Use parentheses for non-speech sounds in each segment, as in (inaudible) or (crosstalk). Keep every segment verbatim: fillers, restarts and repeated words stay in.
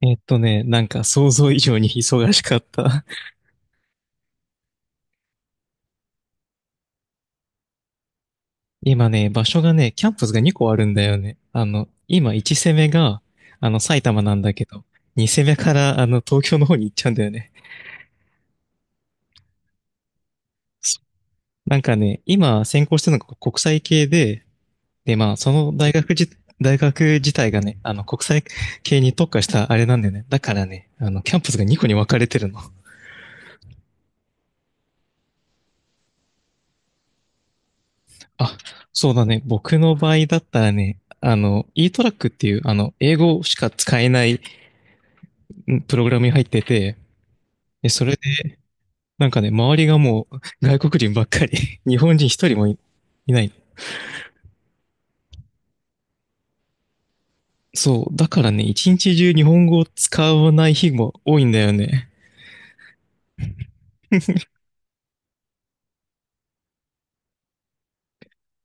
えっとね、なんか想像以上に忙しかった。(laughs) 今ね、場所がね、キャンパスがにこあるんだよね。あの、今いち攻めが、あの、埼玉なんだけど、に攻めから、あの、東京の方に行っちゃうんだよね。なんかね、今専攻してるのが国際系で、で、まあ、その大学じ、大学自体がね、あの、国際系に特化したあれなんだよね。だからね、あの、キャンパスがにこに分かれてるの。(laughs) あ、そうだね。僕の場合だったらね、あの、e トラックっていう、あの、英語しか使えないうんプログラムに入ってて、で、それで、なんかね、周りがもう外国人ばっかり、(laughs) 日本人一人もいいない。そう。だからね、一日中日本語を使わない日も多いんだよね。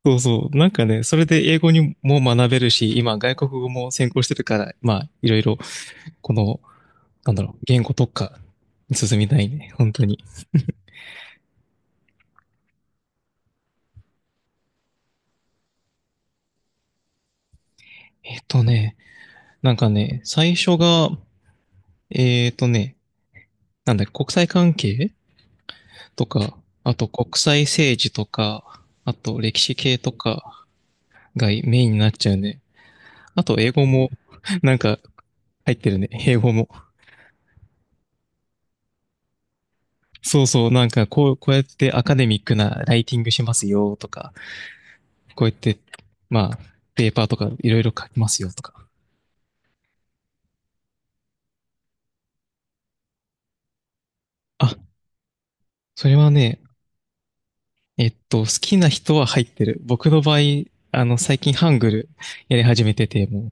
そうそう。なんかね、それで英語にも学べるし、今外国語も専攻してるから、まあ、いろいろ、この、なんだろう、言語特化に進みたいね。本当に。えっとね、なんかね、最初が、えっとね、なんだっけ、国際関係とか、あと国際政治とか、あと歴史系とかがメインになっちゃうね。あと英語も、なんか入ってるね。英語も。そうそう、なんかこう、こうやってアカデミックなライティングしますよとか、こうやって、まあ、ペーパーとかいろいろ書きますよとか。あ、それはね、えっと、好きな人は入ってる。僕の場合、あの、最近ハングルやり始めてて、もう、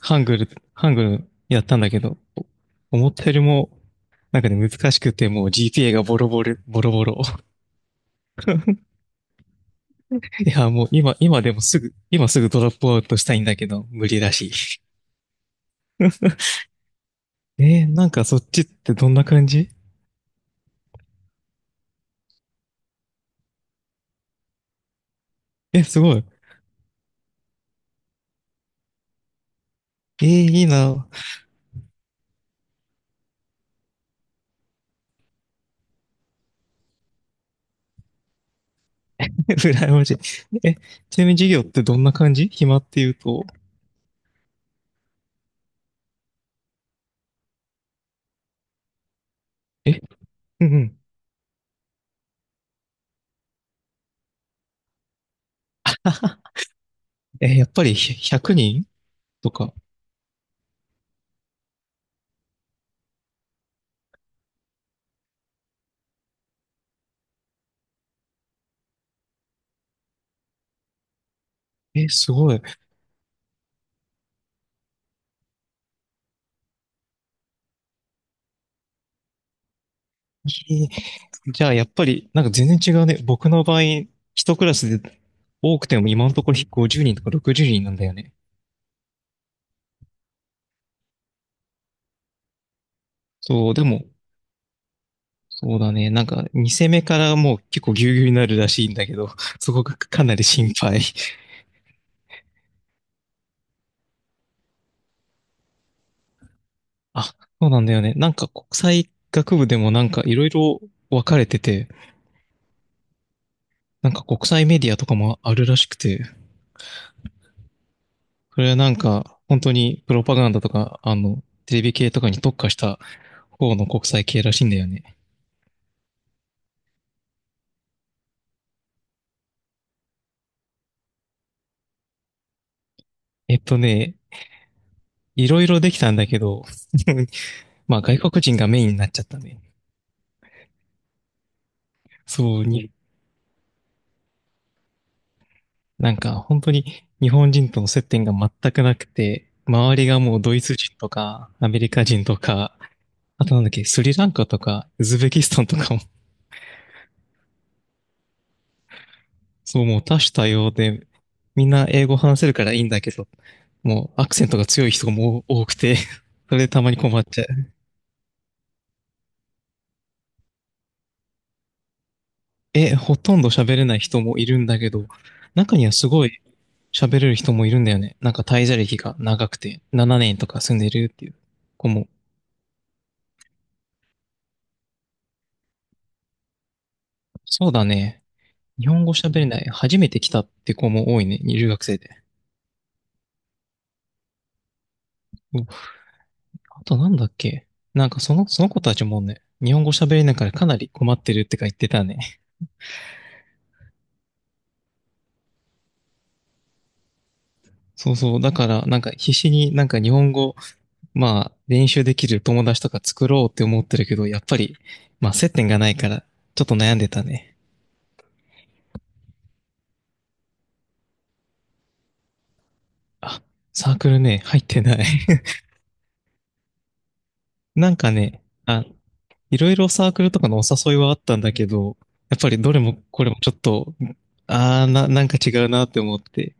ハングル、ハングルやったんだけど、思ったよりもなんかね、難しくてもう ジーピーエー がボロボロ、ボロボロ。(laughs) いや、もう今、今でもすぐ、今すぐドロップアウトしたいんだけど、無理だし。えー、なんかそっちってどんな感じ？え、すごい。えー、いいな。(laughs) 羨ましい。え、ちなみに授業ってどんな感じ、暇っていうと。え、うんうん。えーやっぱりひひゃくにんとか。え、すごい。えー、じゃあやっぱり、なんか全然違うね。僕の場合、一クラスで多くても今のところごじゅうにんとかろくじゅうにんなんだよね。そう、でも、そうだね。なんか、に戦目からもう結構ギュうギュうになるらしいんだけど、(laughs) そこがかなり心配。(laughs) あ、そうなんだよね。なんか国際学部でもなんかいろいろ分かれてて、なんか国際メディアとかもあるらしくて、それはなんか本当にプロパガンダとか、あの、テレビ系とかに特化した方の国際系らしいんだよね。えっとね、いろいろできたんだけど、(laughs) まあ外国人がメインになっちゃったね。そう、に、なんか本当に日本人との接点が全くなくて、周りがもうドイツ人とかアメリカ人とか、あとなんだっけ、スリランカとかウズベキスタンとかも、そう、もう多種多様で、みんな英語話せるからいいんだけど、もうアクセントが強い人も多くて、(laughs) それでたまに困っちゃう。え、ほとんど喋れない人もいるんだけど、中にはすごい喋れる人もいるんだよね。なんか滞在歴が長くて、ななねんとか住んでるっていう子も。そうだね。日本語喋れない、初めて来たって子も多いね、留学生で。あとなんだっけ、なんかその、その子たちもね、日本語喋れないからかなり困ってるってか言ってたね。(laughs) そうそう。だから、なんか必死になんか日本語、まあ練習できる友達とか作ろうって思ってるけど、やっぱり、まあ接点がないから、ちょっと悩んでたね。あ、サークルね、入ってない。(laughs) なんかね、あ、いろいろサークルとかのお誘いはあったんだけど、やっぱりどれもこれもちょっと、ああ、な、なんか違うなって思って、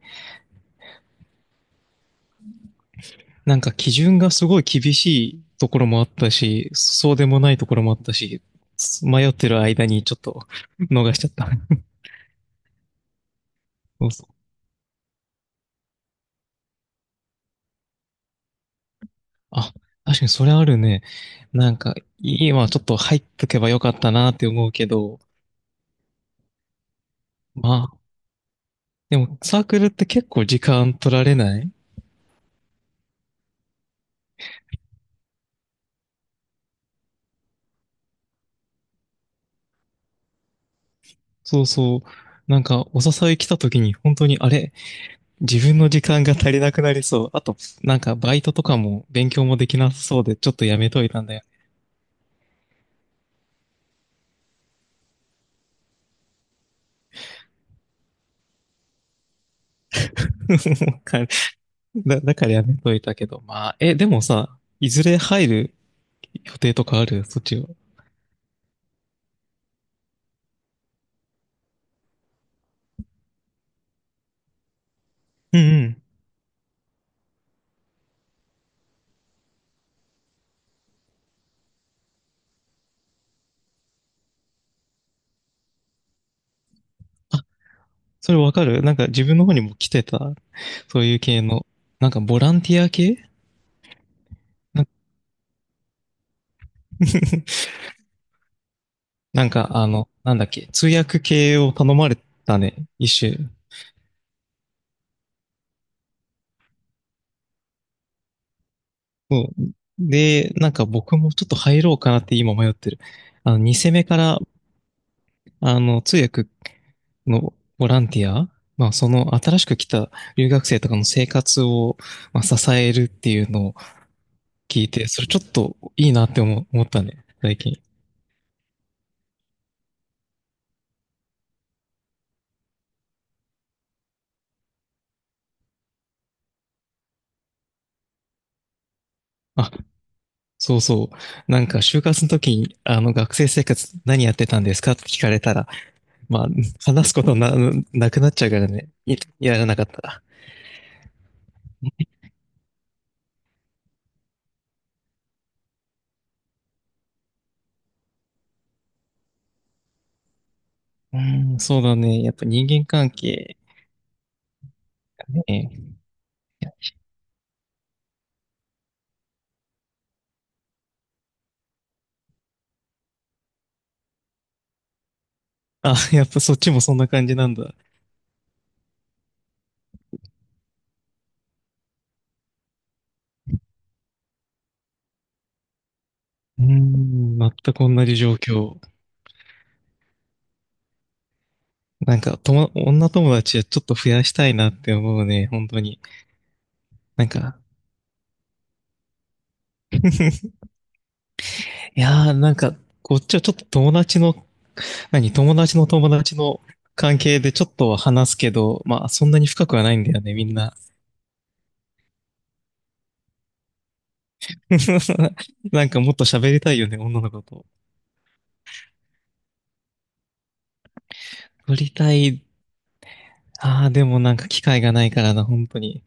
なんか基準がすごい厳しいところもあったし、そうでもないところもあったし、迷ってる間にちょっと逃しちゃった。そうそう。あ、確かにそれあるね。なんか、今ちょっと入っとけばよかったなって思うけど、まあ、でもサークルって結構時間取られない？そうそう。なんか、お誘い来た時に本当に、あれ、自分の時間が足りなくなりそう。あと、なんかバイトとかも勉強もできなさそうで、ちょっとやめといたんだよ。(laughs) かだ、だからやめといたけど。まあ、え、でもさ、いずれ入る予定とかある？そっちは。うんうん。あ、それわかる、なんか自分の方にも来てた、そういう系の。なんかボランティア系な。 (laughs) なんかあの、なんだっけ、通訳系を頼まれたね、一種。そうで、なんか僕もちょっと入ろうかなって今迷ってる。あの、に戦目からあの、通訳のボランティア、まあ、その新しく来た留学生とかの生活を、まあ、支えるっていうのを聞いて、それちょっといいなって思ったね、最近。あ、そうそう。なんか、就活の時に、あの、学生生活何やってたんですかって聞かれたら、まあ、話すことな、なくなっちゃうからね、いやらなかったら。うん、そうだね。やっぱ人間関係ね。あ、やっぱそっちもそんな感じなんだ。うん、全く同じ状況。なんか、とも、女友達はちょっと増やしたいなって思うね、本当に。なんか、いやー、なんか、こっちはちょっと友達の、何、友達の友達の関係でちょっとは話すけど、まあ、そんなに深くはないんだよね、みんな。(laughs) なんかもっと喋りたいよね、女の子と。喋りたい。ああ、でもなんか機会がないからな、本当に。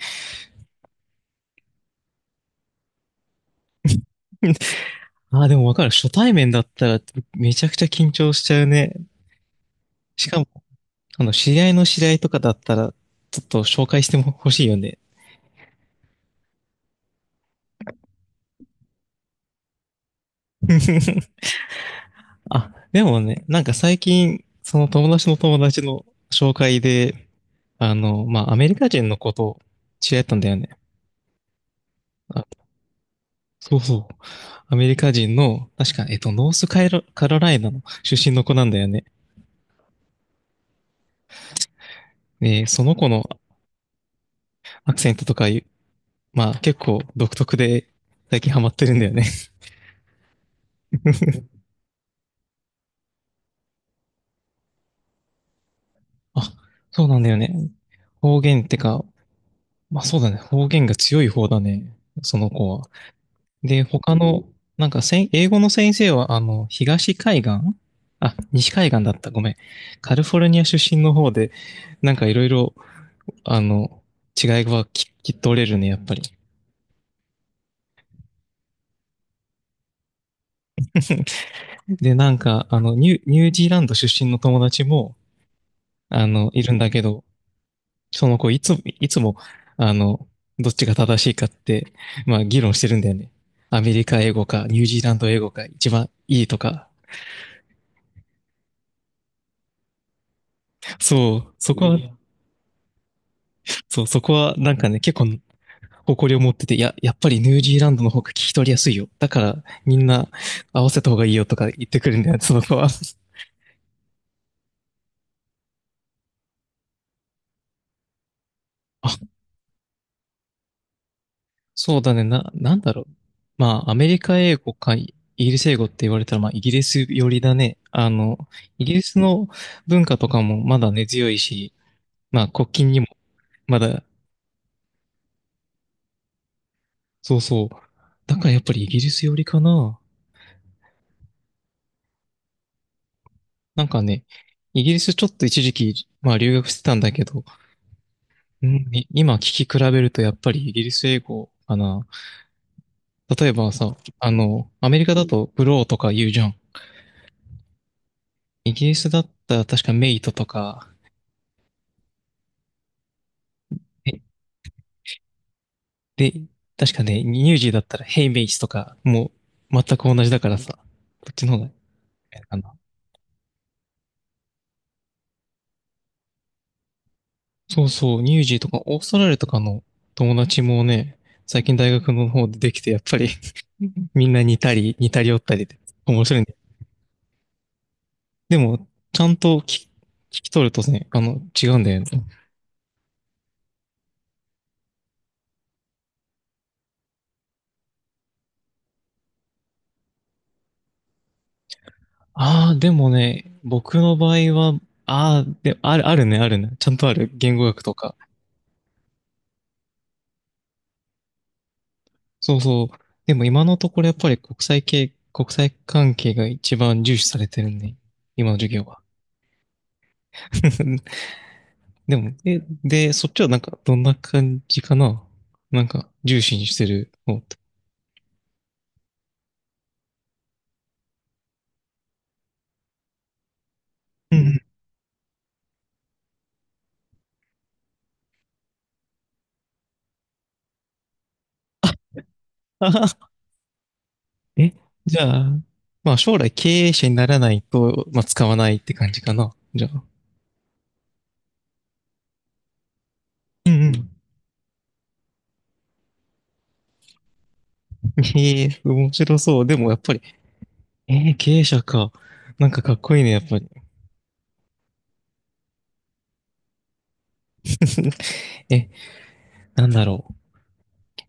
ああ、でもわかる。初対面だったらめちゃくちゃ緊張しちゃうね。しかも、あの、知り合いの知り合いとかだったら、ちょっと紹介しても欲しいよね。(laughs) あ、でもね、なんか最近、その友達の友達の紹介で、あの、まあ、アメリカ人の子と知り合ったんだよね。あ、そうそう。アメリカ人の、確か、えっと、ノースカイロカロライナの出身の子なんだよね。ね、その子のアクセントとかいう、まあ、結構独特で、最近ハマってるんだよね。(laughs) あ、そうなんだよね。方言ってか、まあそうだね。方言が強い方だね、その子は。で、他の、なんかせん、英語の先生は、あの、東海岸あ、西海岸だった、ごめん。カリフォルニア出身の方で、なんかいろいろ、あの、違いはききっと取れるね、やっぱり。で、なんか、あの、ニューニュージーランド出身の友達も、あの、いるんだけど、その子、いつも、いつも、あの、どっちが正しいかって、まあ、議論してるんだよね。アメリカ英語か、ニュージーランド英語か、一番いいとか。そう、そこは、そう、そこは、なんかね、結構、誇りを持ってて、いや、やっぱりニュージーランドの方が聞き取りやすいよ。だから、みんな合わせた方がいいよとか言ってくるんだよ、(laughs) その子は。(laughs) あ、そうだね、な、なんだろう。まあ、アメリカ英語かイギリス英語って言われたら、まあ、イギリス寄りだね。あの、イギリスの文化とかもまだ根強いし、まあ、国境にもまだ、そうそう。だからやっぱりイギリス寄りかな。なんかね、イギリスちょっと一時期、まあ留学してたんだけど、うんい今聞き比べるとやっぱりイギリス英語かな。例えばさ、あの、アメリカだとブローとか言うじゃん。イギリスだったら確かメイトとか、えで、確かね、ニュージーだったらヘイメイツとか、もう全く同じだからさ、こっちの方がいいかな。そうそう、ニュージーとかオーストラリアとかの友達もね、最近大学の方でできて、やっぱり (laughs) みんな似たり、似たり寄ったりで面白いね。でも、ちゃんと聞き聞き取るとね、あの、違うんだよね。ああ、でもね、僕の場合は、ああ、で、ある、あるね、あるね。ちゃんとある。言語学とか。そうそう。でも今のところやっぱり国際系、国際関係が一番重視されてるね。今の授業は。(laughs) でも、え、で、そっちはなんか、どんな感じかななんか、重視にしてるのって。うんあはは (laughs) え、じゃあ、まあ将来経営者にならないと、まあ使わないって感じかな。じゃあ。うんうん。(laughs) ええ、面白そう。でもやっぱりえー、経営者か。なんかかっこいいね、やっぱり。(laughs) え、なんだろう。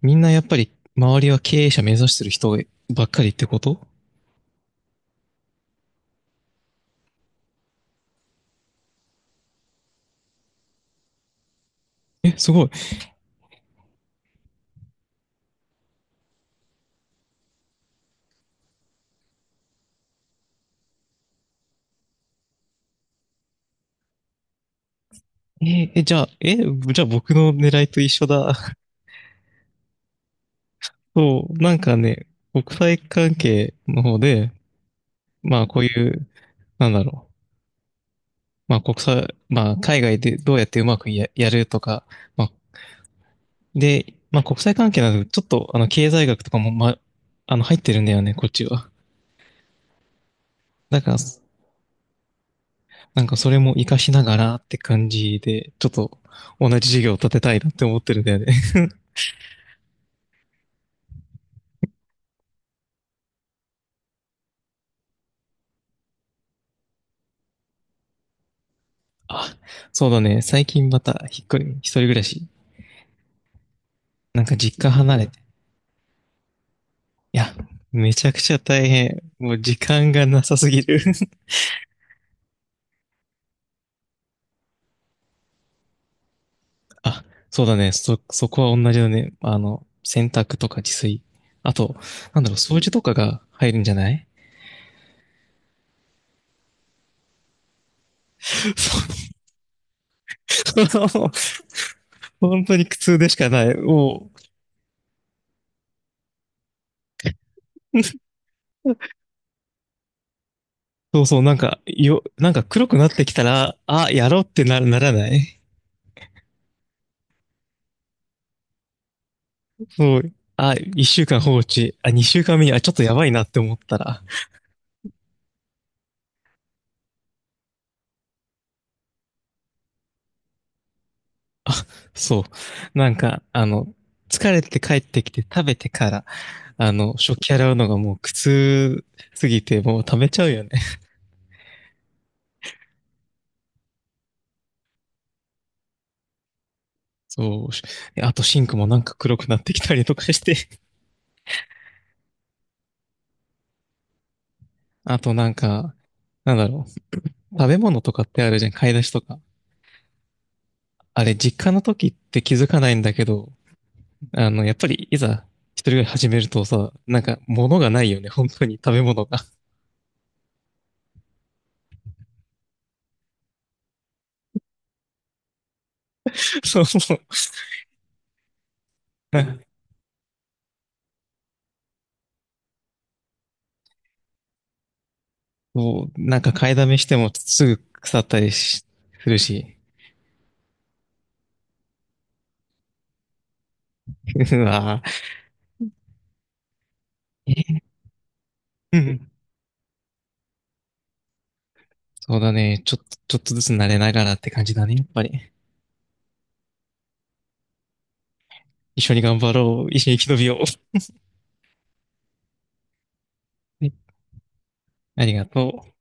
みんなやっぱり周りは経営者目指してる人ばっかりってことえ、すごい。えーえ、じゃあ、え、じゃあ僕の狙いと一緒だ。(laughs) そう、なんかね、国際関係の方で、まあこういう、なんだろう。まあ国際、まあ海外でどうやってうまくや、やるとか、まあ、で、まあ国際関係なので、ちょっとあの経済学とかも、まあ、あの入ってるんだよね、こっちは。だから、なんかそれも活かしながらって感じで、ちょっと同じ授業を立てたいなって思ってるんだよね。(laughs) あ、そうだね。最近また引っ越り、一人暮らし。なんか実家離れて。いや、めちゃくちゃ大変。もう時間がなさすぎる。(laughs) あ、そうだね。そ、そこは同じだね。あの、洗濯とか自炊。あと、なんだろう、掃除とかが入るんじゃないそう (laughs) 本当に苦痛でしかない。もう、そうそう、なんか、よ、なんか黒くなってきたら、あ、やろうってな、ならないそう。あ、いっしゅうかん放置。あ、にしゅうかんめに、あ、ちょっとやばいなって思ったら、そう。なんか、あの、疲れて帰ってきて食べてから、あの、食器洗うのがもう苦痛すぎて、もう食べちゃうよね。そうし。あとシンクもなんか黒くなってきたりとかして、あとなんか、なんだろう。食べ物とかってあるじゃん、買い出しとか。あれ、実家の時って気づかないんだけど、あの、やっぱりいざ一人暮らし始めるとさ、なんか物がないよね、本当に食べ物が。(laughs) そうそう。そうなんか買いだめしてもすぐ腐ったりしするし。(laughs) うわぁ (laughs) そうだね。ちょっと、ちょっとずつ慣れながらって感じだね、やっぱり。いっしょにがんばろう。一緒に生き延びよう。(laughs) ありがとう。